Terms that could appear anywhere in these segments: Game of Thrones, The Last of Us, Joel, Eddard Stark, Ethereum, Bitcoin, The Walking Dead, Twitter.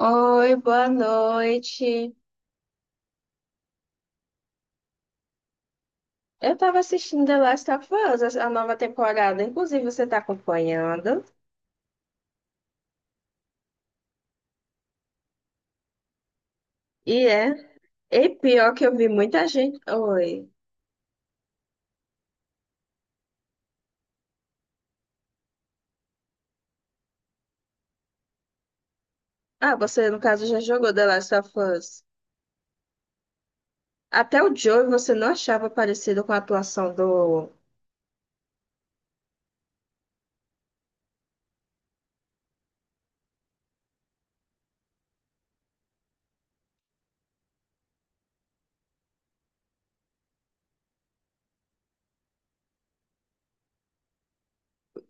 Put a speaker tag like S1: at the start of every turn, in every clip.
S1: Oi, boa noite. Eu tava assistindo The Last of Us, a nova temporada. Inclusive, você tá acompanhando? E é. E pior que eu vi muita gente. Oi. Ah, você, no caso, já jogou The Last of Us. Até o Joel você não achava parecido com a atuação do.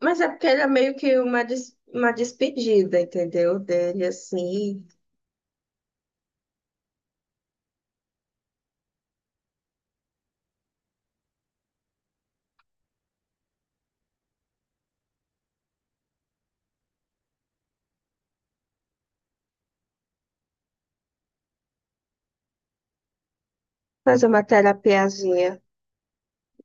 S1: Mas é porque era meio que uma, uma despedida, entendeu? Dele, assim. Fazer uma terapiazinha.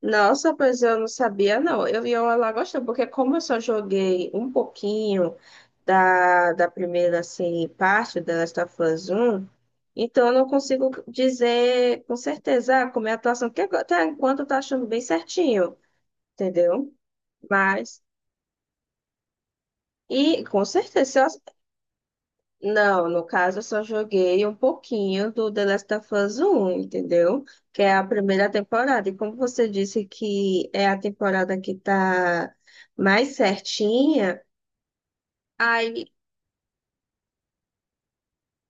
S1: Nossa, pois eu não sabia, não. Eu ia lá gostando, porque como eu só joguei um pouquinho da primeira assim, parte, da Last of Us 1, então eu não consigo dizer com certeza ah, como é a atuação, porque agora, até enquanto eu tá achando bem certinho, entendeu? Mas, e com certeza, se eu... Não, no caso eu só joguei um pouquinho do The Last of Us 1, entendeu? Que é a primeira temporada, e como você disse que é a temporada que tá mais certinha, aí...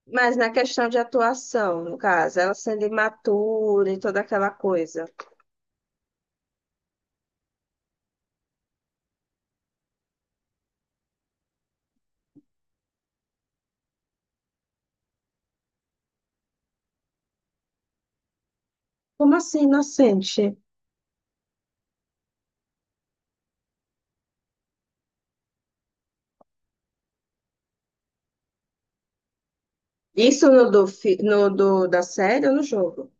S1: Mas na questão de atuação, no caso, ela sendo imatura e toda aquela coisa. Como assim, inocente? Isso no do, no do da série ou no jogo?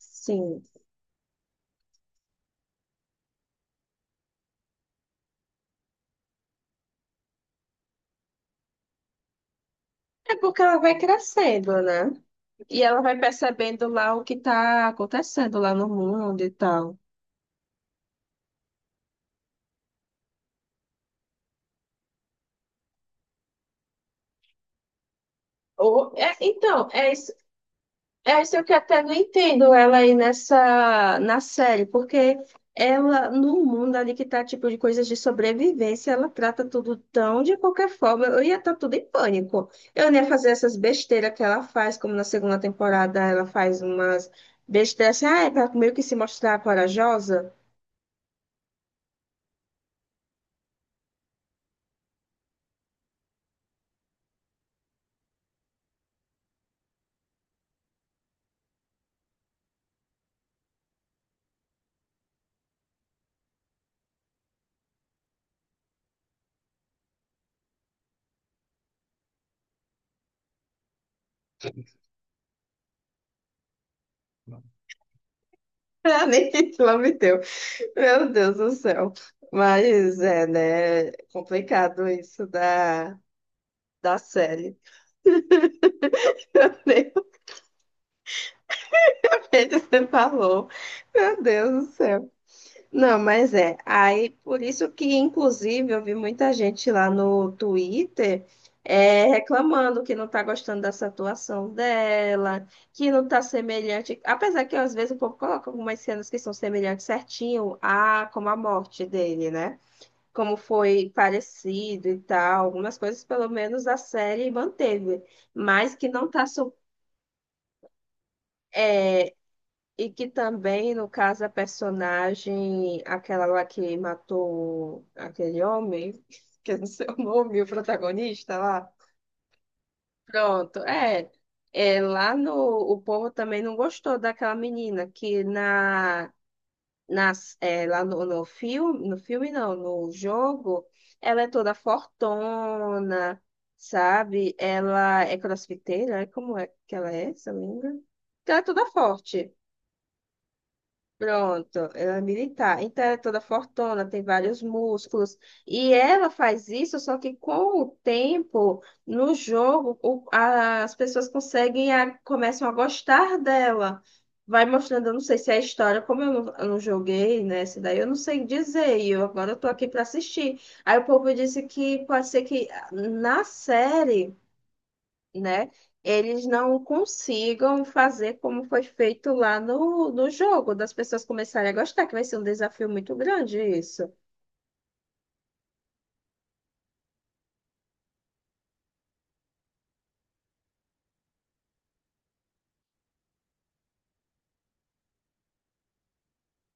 S1: Sim. É porque ela vai crescendo, né? E ela vai percebendo lá o que tá acontecendo lá no mundo e tal. Ou, é, então, é isso. É isso que eu até não entendo ela aí nessa na série, porque ela, no mundo ali que tá tipo de coisas de sobrevivência, ela trata tudo tão de qualquer forma. Eu ia estar tudo em pânico. Eu não ia fazer essas besteiras que ela faz, como na segunda temporada ela faz umas besteiras assim, ah, é pra meio que se mostrar corajosa. Ah, nem título me deu. Meu Deus do céu. Mas é, né? Complicado isso da série. Que você falou. Meu Deus do céu. Não, mas é. Aí, por isso que, inclusive, eu vi muita gente lá no Twitter é, reclamando que não tá gostando dessa atuação dela, que não tá semelhante. Apesar que, às vezes, o povo coloca algumas cenas que são semelhantes certinho a como a morte dele, né? Como foi parecido e tal. Algumas coisas, pelo menos, a série manteve. Mas que não tá... E que também, no caso, a personagem, aquela lá que matou aquele homem, que eu não sei o nome, o protagonista lá. Pronto, é. É, lá no, o povo também não gostou daquela menina que na, nas, é, lá no, no filme, no filme não, no jogo, ela é toda fortona, sabe? Ela é crossfiteira, é como é que ela é, se eu não me engano? Ela é toda forte. Pronto, ela é militar. Então ela é toda fortona, tem vários músculos. E ela faz isso, só que com o tempo, no jogo, as pessoas conseguem, começam a gostar dela. Vai mostrando, eu não sei se é a história, como eu não joguei, né? Esse daí eu não sei dizer. E eu agora eu tô aqui para assistir. Aí o povo disse que pode ser que ah, na série, né? Eles não consigam fazer como foi feito lá no, no jogo, das pessoas começarem a gostar, que vai ser um desafio muito grande isso.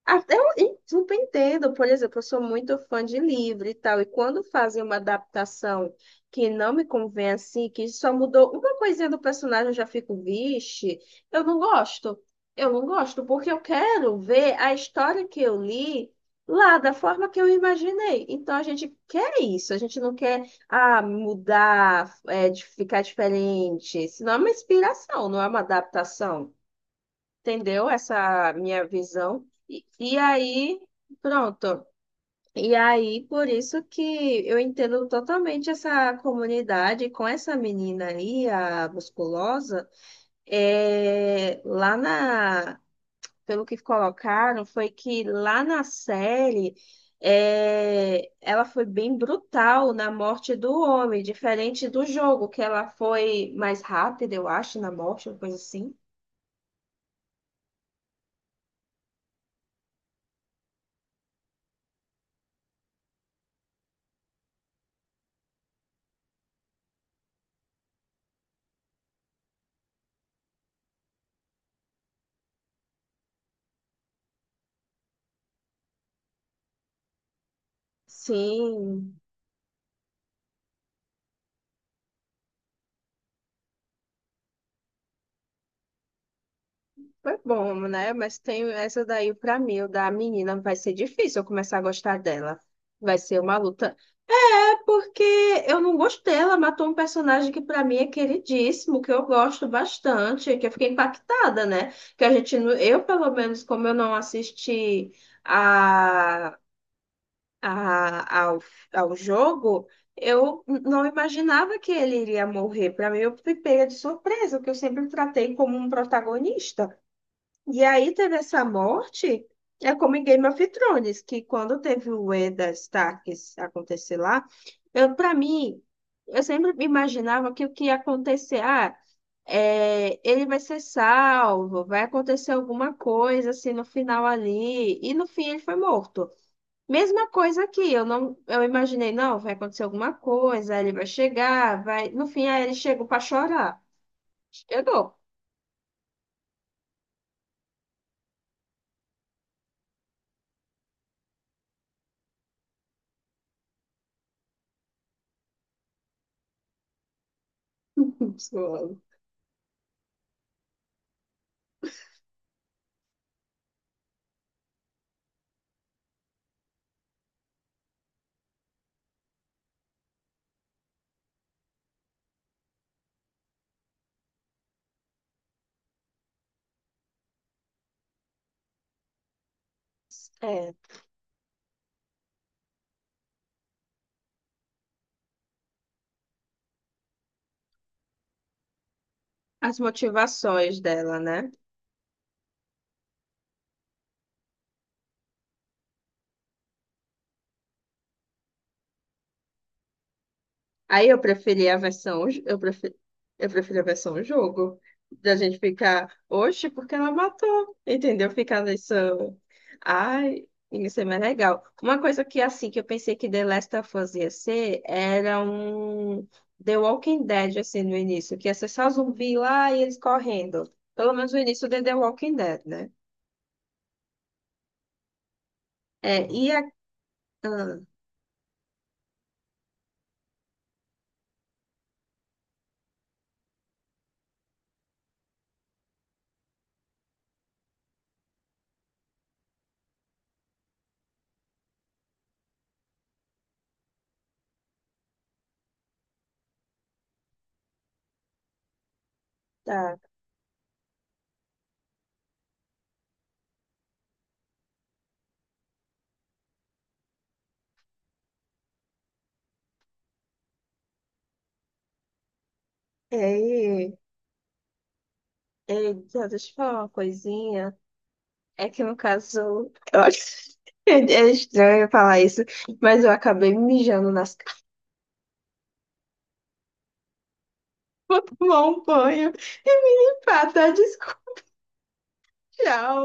S1: Até eu e super entendo, por exemplo, eu sou muito fã de livro e tal, e quando fazem uma adaptação que não me convém assim, que só mudou uma coisinha do personagem, eu já fico, vixe, eu não gosto. Eu não gosto, porque eu quero ver a história que eu li lá da forma que eu imaginei. Então a gente quer isso, a gente não quer ah, mudar, é, de ficar diferente. Senão é uma inspiração, não é uma adaptação, entendeu? Essa minha visão. E aí, pronto. E aí, por isso que eu entendo totalmente essa comunidade com essa menina aí, a musculosa, é, lá na, pelo que colocaram, foi que lá na série é, ela foi bem brutal na morte do homem, diferente do jogo, que ela foi mais rápida, eu acho, na morte, uma coisa assim. Sim. Foi bom, né? Mas tem essa daí pra mim, o da menina, vai ser difícil eu começar a gostar dela. Vai ser uma luta. É porque eu não gostei, ela matou um personagem que pra mim é queridíssimo, que eu gosto bastante, que eu fiquei impactada, né? Que a gente, não, eu pelo menos, como eu não assisti a, a, ao, ao jogo, eu não imaginava que ele iria morrer. Pra mim, eu fui pega de surpresa, que eu sempre tratei como um protagonista. E aí teve essa morte, é como em Game of Thrones, que quando teve o Eddard Stark acontecer lá, eu para mim, eu sempre imaginava que o que ia acontecer, ah, é, ele vai ser salvo, vai acontecer alguma coisa assim no final ali, e no fim ele foi morto. Mesma coisa aqui, eu não, eu imaginei, não, vai acontecer alguma coisa, aí ele vai chegar, vai, no fim aí ele chegou para chorar. Chegou. É, as motivações dela, né? Aí eu preferi a versão, eu preferi a versão jogo, da gente ficar, oxe, porque ela matou, entendeu? Ficar nessa, ai, isso é mais legal. Uma coisa que, assim, que eu pensei que The Last of Us ia ser, era um The Walking Dead, assim, no início, que ia ser só zumbi lá e eles correndo. Pelo menos o início de The Walking Dead, né? É, e a... Ah, tá. É, e... Eita, deixa eu falar uma coisinha. É que no caso, eu acho é é estranho eu falar isso, mas eu acabei mijando nas calças. Vou tomar um banho e me limpar, tá? Desculpa, tchau.